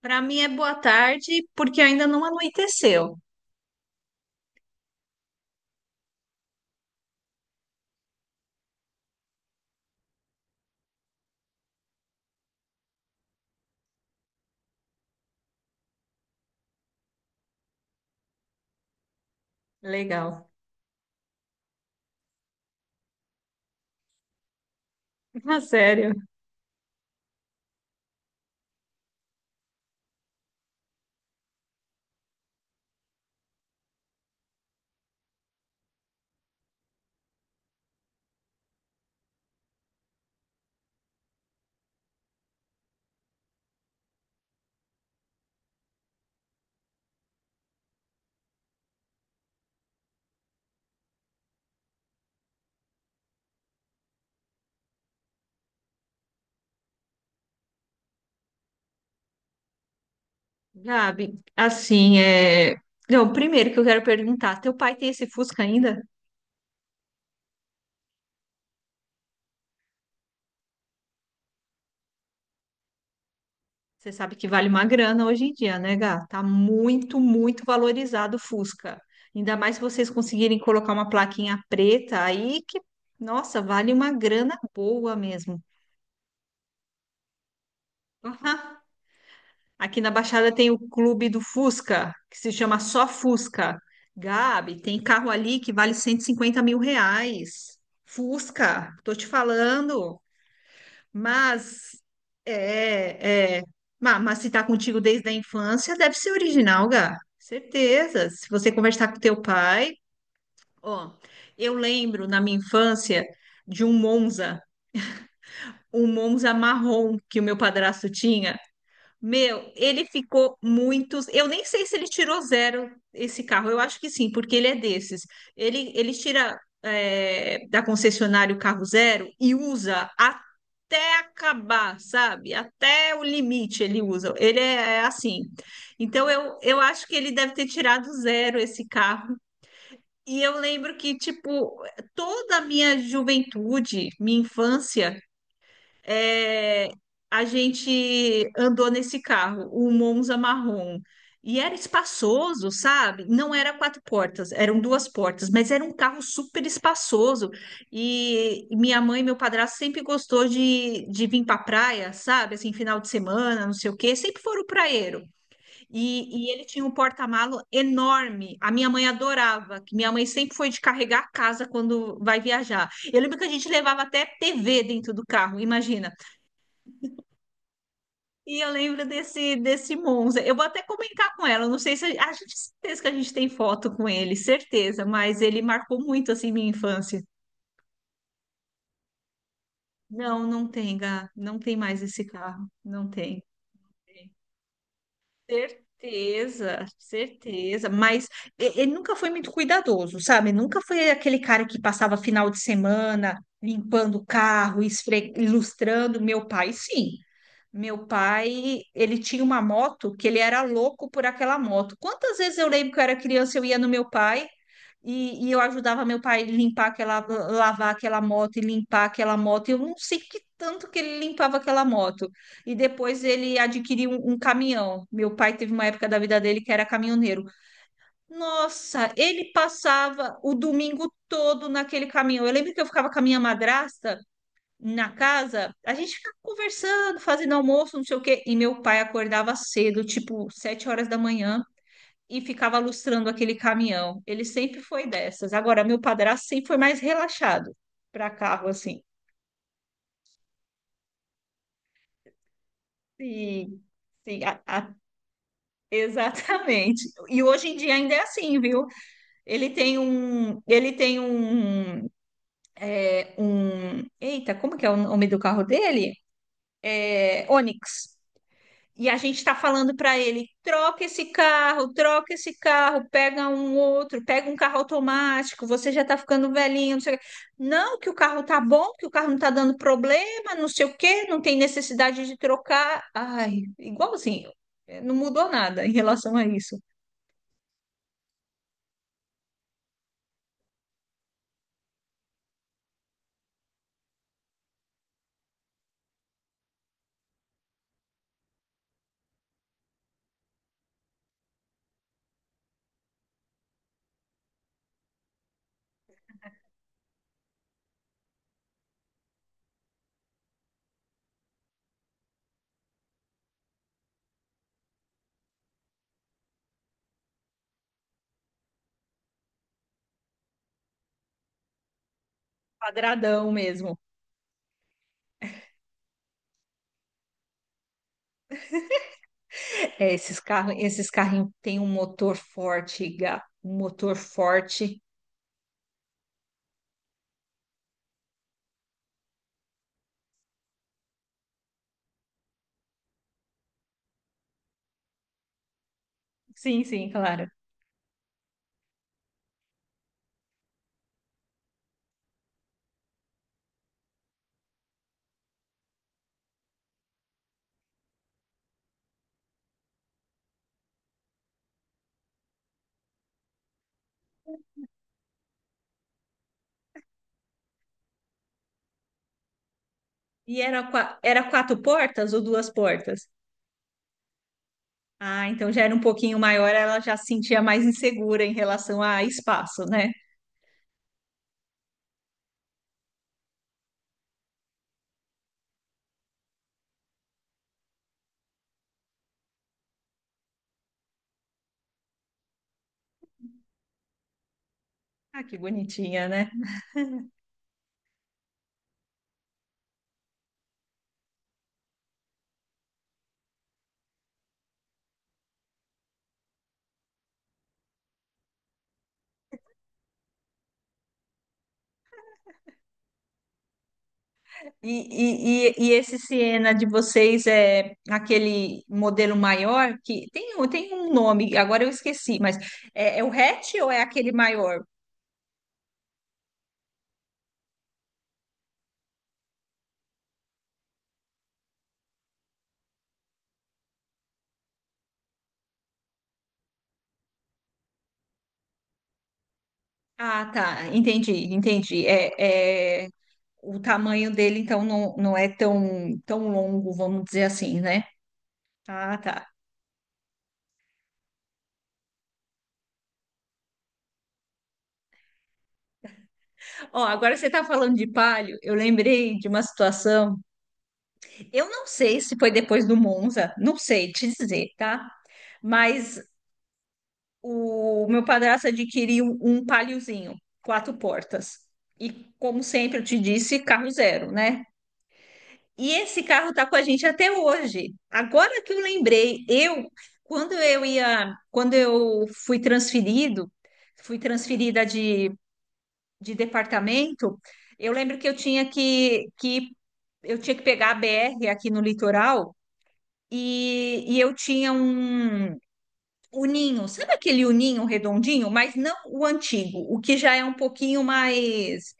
Para mim é boa tarde, porque ainda não anoiteceu. Legal. Ah, sério. Gabi, assim, Não, primeiro que eu quero perguntar, teu pai tem esse Fusca ainda? Você sabe que vale uma grana hoje em dia, né, Gá? Tá muito, muito valorizado o Fusca. Ainda mais se vocês conseguirem colocar uma plaquinha preta aí, que, nossa, vale uma grana boa mesmo. Aham. Aqui na Baixada tem o clube do Fusca, que se chama só Fusca. Gabi, tem carro ali que vale 150.000 reais. Fusca, tô te falando. Mas, é, é, mas, se tá contigo desde a infância, deve ser original, Gá. Certeza. Se você conversar com teu pai, ó, eu lembro na minha infância de um Monza marrom que o meu padrasto tinha. Meu, ele ficou muitos. Eu nem sei se ele tirou zero esse carro. Eu acho que sim, porque ele é desses. Ele tira da concessionária o carro zero e usa até acabar, sabe? Até o limite ele usa. Ele é assim. Então eu acho que ele deve ter tirado zero esse carro. E eu lembro que, tipo, toda a minha juventude, minha infância é, a gente andou nesse carro, o Monza marrom. E era espaçoso, sabe? Não era quatro portas, eram duas portas, mas era um carro super espaçoso. E minha mãe e meu padrasto sempre gostou de vir para praia, sabe? Assim, final de semana, não sei o quê, sempre foram praieiro. E ele tinha um porta-malo enorme. A minha mãe adorava, que minha mãe sempre foi de carregar a casa quando vai viajar. Eu lembro que a gente levava até TV dentro do carro, imagina. E eu lembro desse Monza. Eu vou até comentar com ela. Eu Não sei se a, a gente, certeza que a gente tem foto com ele, certeza, mas ele marcou muito assim minha infância. Não, não tem, Gá, não tem mais esse carro, não tem. Certeza, certeza, mas ele nunca foi muito cuidadoso, sabe? Nunca foi aquele cara que passava final de semana limpando o carro, ilustrando. Meu pai, sim. Meu pai, ele tinha uma moto que ele era louco por aquela moto. Quantas vezes eu lembro que eu era criança, eu ia no meu pai e eu ajudava meu pai limpar lavar aquela moto e limpar aquela moto. Eu não sei que tanto que ele limpava aquela moto. E depois ele adquiriu um caminhão. Meu pai teve uma época da vida dele que era caminhoneiro. Nossa, ele passava o domingo todo naquele caminhão. Eu lembro que eu ficava com a minha madrasta na casa, a gente ficava conversando, fazendo almoço, não sei o quê, e meu pai acordava cedo, tipo 7h da manhã, e ficava lustrando aquele caminhão. Ele sempre foi dessas. Agora, meu padrasto sempre foi mais relaxado para carro, assim. Sim, sim, exatamente. E hoje em dia ainda é assim, viu? Ele tem um, ele tem um, eita, como que é o nome do carro dele? É, Onix. E a gente está falando para ele: troca esse carro, pega um outro, pega um carro automático, você já está ficando velhinho, não sei o quê. Não, que o carro tá bom, que o carro não está dando problema, não sei o quê, não tem necessidade de trocar. Ai, igualzinho, não mudou nada em relação a isso. Quadradão mesmo. É, esses carros, esses carrinhos têm um motor forte, Gá, um motor forte. Sim, sim, claro. E era quatro portas ou duas portas? Ah, então já era um pouquinho maior, ela já se sentia mais insegura em relação a espaço, né? Ah, que bonitinha, né? E esse Siena de vocês é aquele modelo maior que tem, tem um nome, agora eu esqueci, mas é o hatch ou é aquele maior? Ah, tá, entendi, entendi. O tamanho dele, então, não, não é tão, tão longo, vamos dizer assim, né? Ah, tá. Ó, agora você tá falando de palio, eu lembrei de uma situação. Eu não sei se foi depois do Monza, não sei te dizer, tá? Mas o meu padrasto adquiriu um Paliozinho, quatro portas. E como sempre eu te disse, carro zero, né? E esse carro tá com a gente até hoje. Agora que eu lembrei, eu quando eu ia, quando eu fui transferido, fui transferida de departamento, eu lembro que eu tinha que eu tinha que pegar a BR aqui no litoral. E eu tinha um uninho, sabe aquele uninho redondinho, mas não o antigo, o que já é um pouquinho mais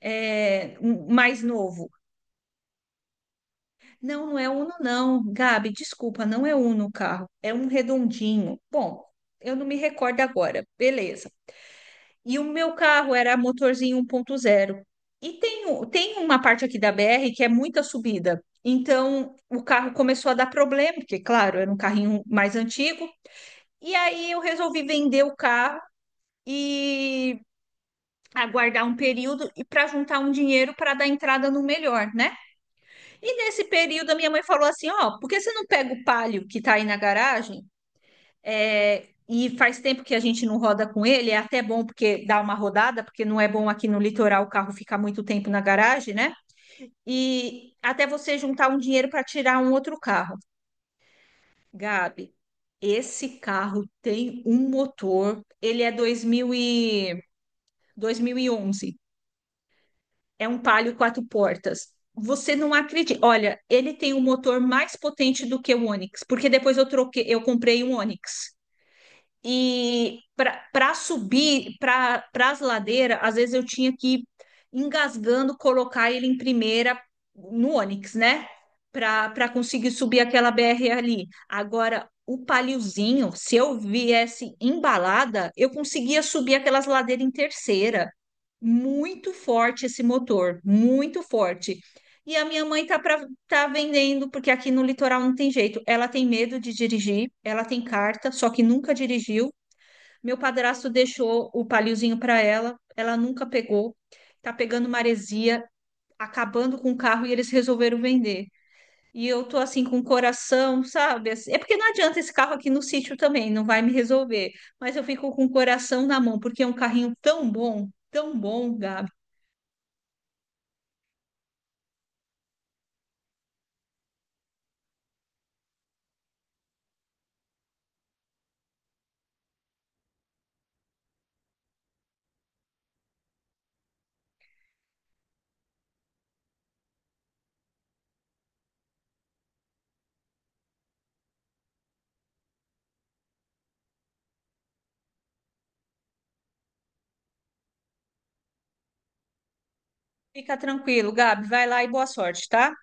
é, um- mais novo. Não, não é Uno, não, Gabi, desculpa, não é Uno o carro, é um redondinho. Bom, eu não me recordo agora, beleza. E o meu carro era motorzinho 1.0. E tem, tem uma parte aqui da BR que é muita subida. Então, o carro começou a dar problema, porque, claro, era um carrinho mais antigo. E aí eu resolvi vender o carro e aguardar um período e para juntar um dinheiro para dar entrada no melhor, né? E nesse período a minha mãe falou assim, ó, por que você não pega o Palio que tá aí na garagem? É, e faz tempo que a gente não roda com ele, é até bom porque dá uma rodada, porque não é bom aqui no litoral o carro ficar muito tempo na garagem, né? E até você juntar um dinheiro para tirar um outro carro. Gabi, esse carro tem um motor, ele é 2000 e 2011. É um Palio quatro portas. Você não acredita. Olha, ele tem um motor mais potente do que o Onix, porque depois eu troquei, eu comprei um Onix. E para subir para as ladeiras, às vezes eu tinha que ir engasgando, colocar ele em primeira no Onix, né? Para conseguir subir aquela BR ali. Agora, o paliozinho, se eu viesse embalada, eu conseguia subir aquelas ladeiras em terceira. Muito forte esse motor, muito forte. E a minha mãe tá para tá vendendo, porque aqui no litoral não tem jeito. Ela tem medo de dirigir, ela tem carta, só que nunca dirigiu. Meu padrasto deixou o paliozinho para ela, ela nunca pegou. Tá pegando maresia, acabando com o carro e eles resolveram vender. E eu tô assim com o coração, sabe? Assim, é porque não adianta esse carro aqui no sítio também, não vai me resolver. Mas eu fico com o coração na mão, porque é um carrinho tão bom, Gabi. Fica tranquilo, Gabi. Vai lá e boa sorte, tá?